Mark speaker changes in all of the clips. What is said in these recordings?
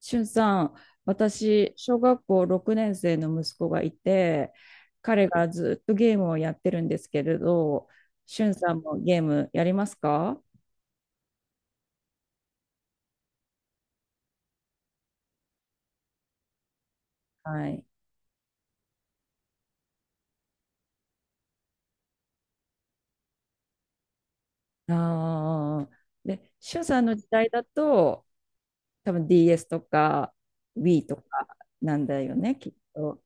Speaker 1: しゅんさん、私、小学校6年生の息子がいて、彼がずっとゲームをやってるんですけれど、しゅんさんもゲームやりますか？はい。ああ。で、しゅんさんの時代だと、多分 DS とか Wii とかなんだよね、きっと。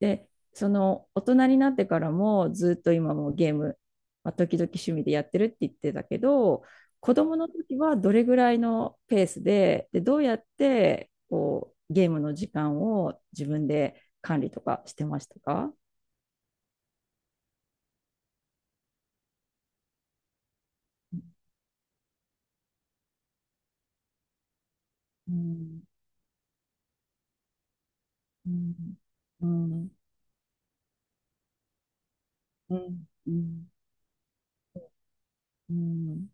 Speaker 1: で、その大人になってからもずっと今もゲーム、ま時々趣味でやってるって言ってたけど、子供の時はどれぐらいのペースで、どうやってこうゲームの時間を自分で管理とかしてましたか？うん、うん、うん、うん、うん、うん、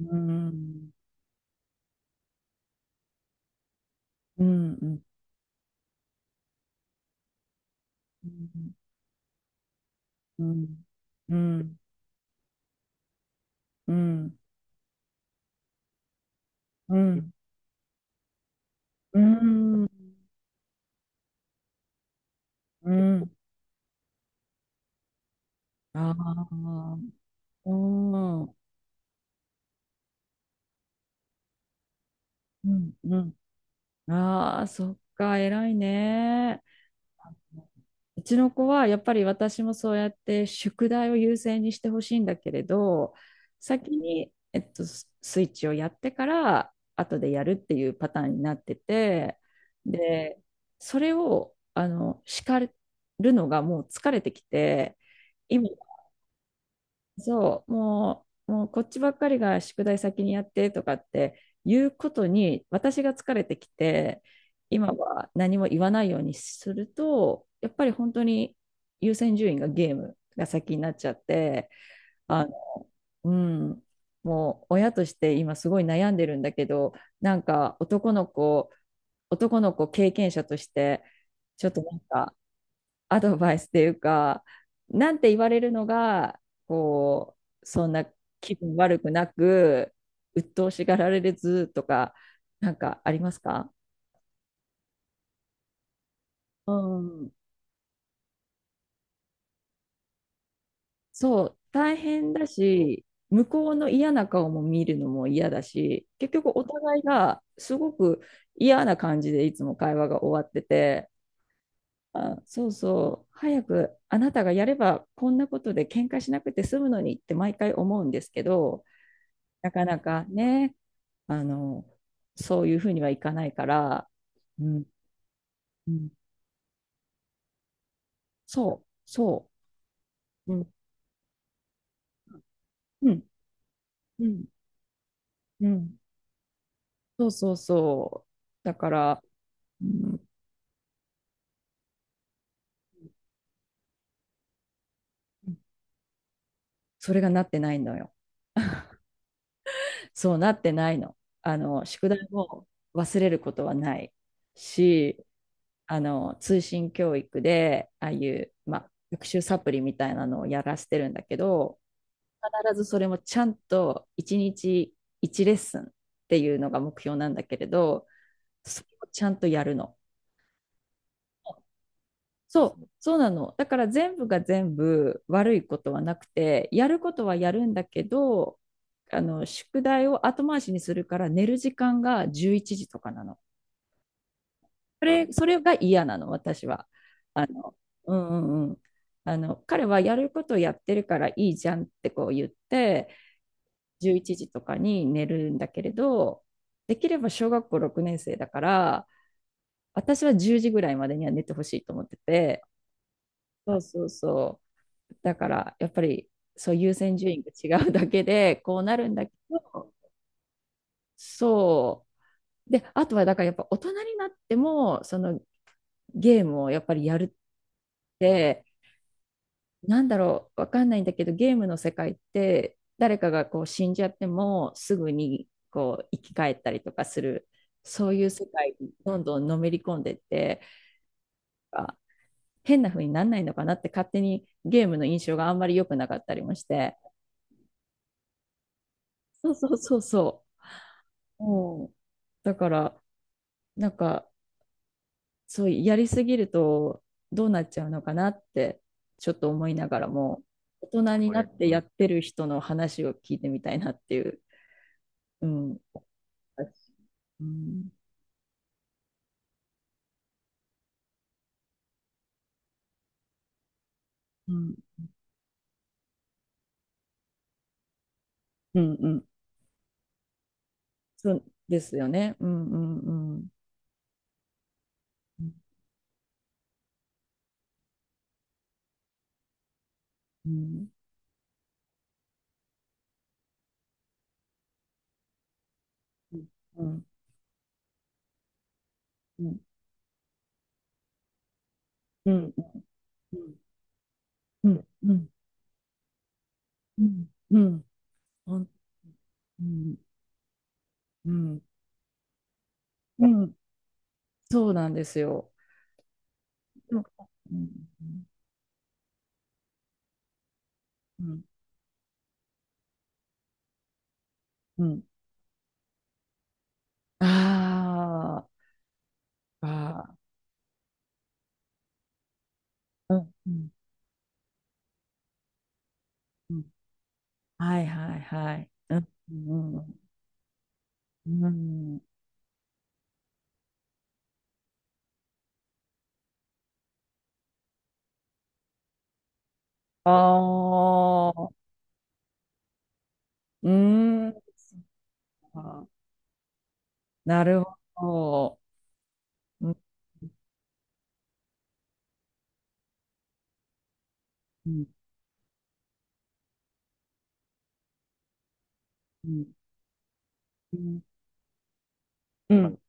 Speaker 1: うん、うん、うん、うん、うん、うん、うん、うん、うん、ああ、うん、うん、うん。ああ、そっか、偉いね。うちの子はやっぱり私もそうやって宿題を優先にしてほしいんだけれど、先に、スイッチをやってから後でやるっていうパターンになってて、で、それを叱るのがもう疲れてきて、今そう、もうこっちばっかりが宿題先にやってとかっていうことに私が疲れてきて、今は何も言わないようにすると、やっぱり本当に優先順位がゲームが先になっちゃって、あの、うん、もう親として今すごい悩んでるんだけど、なんか男の子経験者として、ちょっとなんかアドバイスっていうか、なんて言われるのが、こそんな気分悪くなく、鬱陶しがられずとか、なんかありますか？うん。そう、大変だし、向こうの嫌な顔も見るのも嫌だし、結局お互いがすごく嫌な感じでいつも会話が終わってて、あ、そうそう、早くあなたがやればこんなことで喧嘩しなくて済むのにって毎回思うんですけど、なかなかね、あの、そういうふうにはいかないから、うん、うん、そう、そう、うん、うん、うん、うん、そうそうそう。だから、うん、それがなってないのよ。そうなってないの。宿題を忘れることはないし、通信教育で、ああいう、まあ、学習サプリみたいなのをやらせてるんだけど、必ずそれもちゃんと1日1レッスンっていうのが目標なんだけれど、それをちゃんとやるの。そう、そうなの。だから全部が全部悪いことはなくて、やることはやるんだけど、宿題を後回しにするから寝る時間が11時とかなの。それが嫌なの、私は。あの、うん、うん、うん。彼はやることをやってるからいいじゃんってこう言って、11時とかに寝るんだけれど、できれば小学校6年生だから、私は10時ぐらいまでには寝てほしいと思ってて、そうそうそう。だから、やっぱり、そう優先順位が違うだけで、こうなるんだけど、そう。で、あとは、だからやっぱ大人になっても、そのゲームをやっぱりやるって、なんだろう、わかんないんだけど、ゲームの世界って、誰かがこう死んじゃっても、すぐにこう生き返ったりとかする、そういう世界にどんどんのめり込んでって、あ、変な風になんないのかなって、勝手にゲームの印象があんまり良くなかったりもして。そうそうそうそう。うん、だから、なんか、そうやりすぎるとどうなっちゃうのかなって、ちょっと思いながらも、大人になってやってる人の話を聞いてみたいなっていう。うんうん、うん、うん、うん、そうですよね。うん、うん、うん、うん、うん、うん、うん、うん、うん、うん、うん、うん、ほんうん、うん、うんそうなんですよ。でもうん、うん、うん、うん、あー、あー、うん、うん、うん、はいはいはい、うん、うん、うん、うん、ああ、うん、なるほど。うん、うん、うん、うん、うん、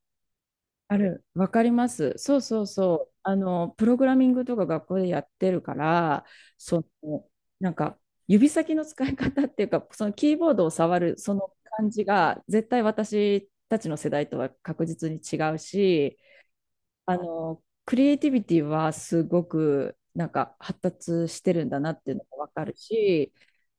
Speaker 1: ある。わかります。そうそうそう。プログラミングとか学校でやってるから、その、なんか、指先の使い方っていうか、そのキーボードを触る、その感じが、絶対私たちの世代とは確実に違うし、クリエイティビティはすごくなんか発達してるんだなっていうのがわかるし、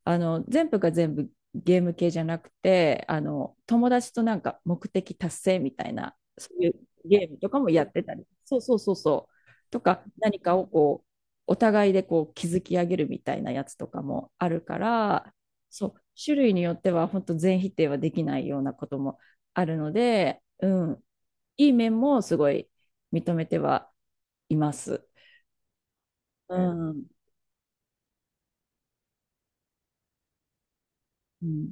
Speaker 1: 全部が全部ゲーム系じゃなくて、友達となんか目的達成みたいな、そういうゲームとかもやってたり、そうそうそうそう、とか何かをこう、お互いでこう築き上げるみたいなやつとかもあるから、そう、種類によっては本当全否定はできないようなこともあるので、うん、いい面もすごい認めてはいます。うん。うん、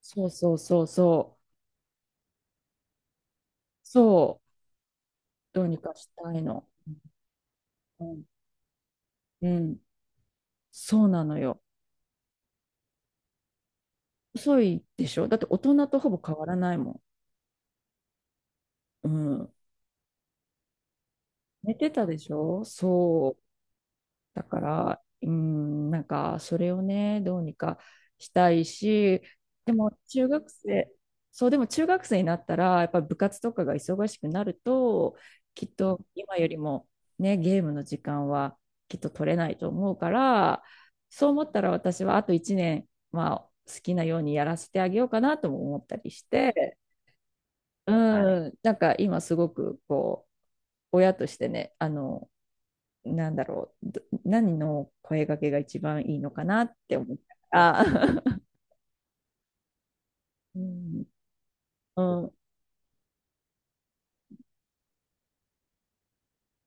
Speaker 1: そうそうそうそう。そう。どうにかしたいの。うん。うん。そうなのよ。遅いでしょだって大人とほぼ変わらないもん。うん。寝てたでしょそう。だから、うん、なんか、それをね、どうにかしたいし、でも、中学生、そう、でも中学生になったら、やっぱ部活とかが忙しくなると、きっと今よりも、ね、ゲームの時間はきっと取れないと思うから、そう思ったら私はあと1年、まあ、好きなようにやらせてあげようかなとも思ったりして、うん、なんか今すごく親としてね、なんだろう、何の声掛けが一番いいのかなって思ったあー うん、うん、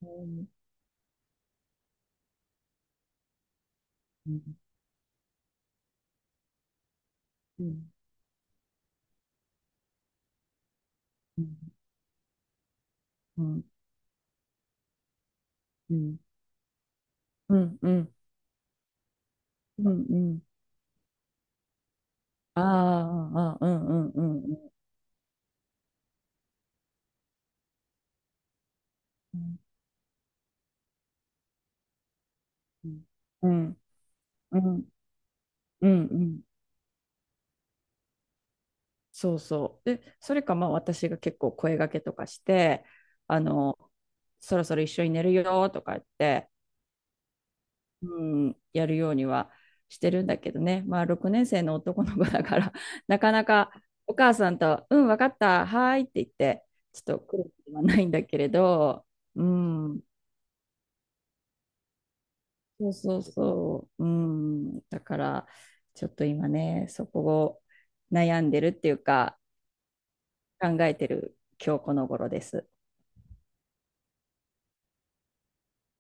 Speaker 1: うん、うん、うん、うん、うん、うん、うん、うん、うん、ああ、ああ、うん、うん、うん、うん、うん、うん、うん、うん、そうそうでそれかまあ私が結構声掛けとかしてあのそろそろ一緒に寝るよとか言ってうん、やるようにはしてるんだけどね、まあ、6年生の男の子だから、なかなかお母さんと、うん、分かった、はいって言って、ちょっと来ることはないんだけれど、うん、そうそうそう、うん、だから、ちょっと今ね、そこを悩んでるっていうか、考えてる今日この頃です。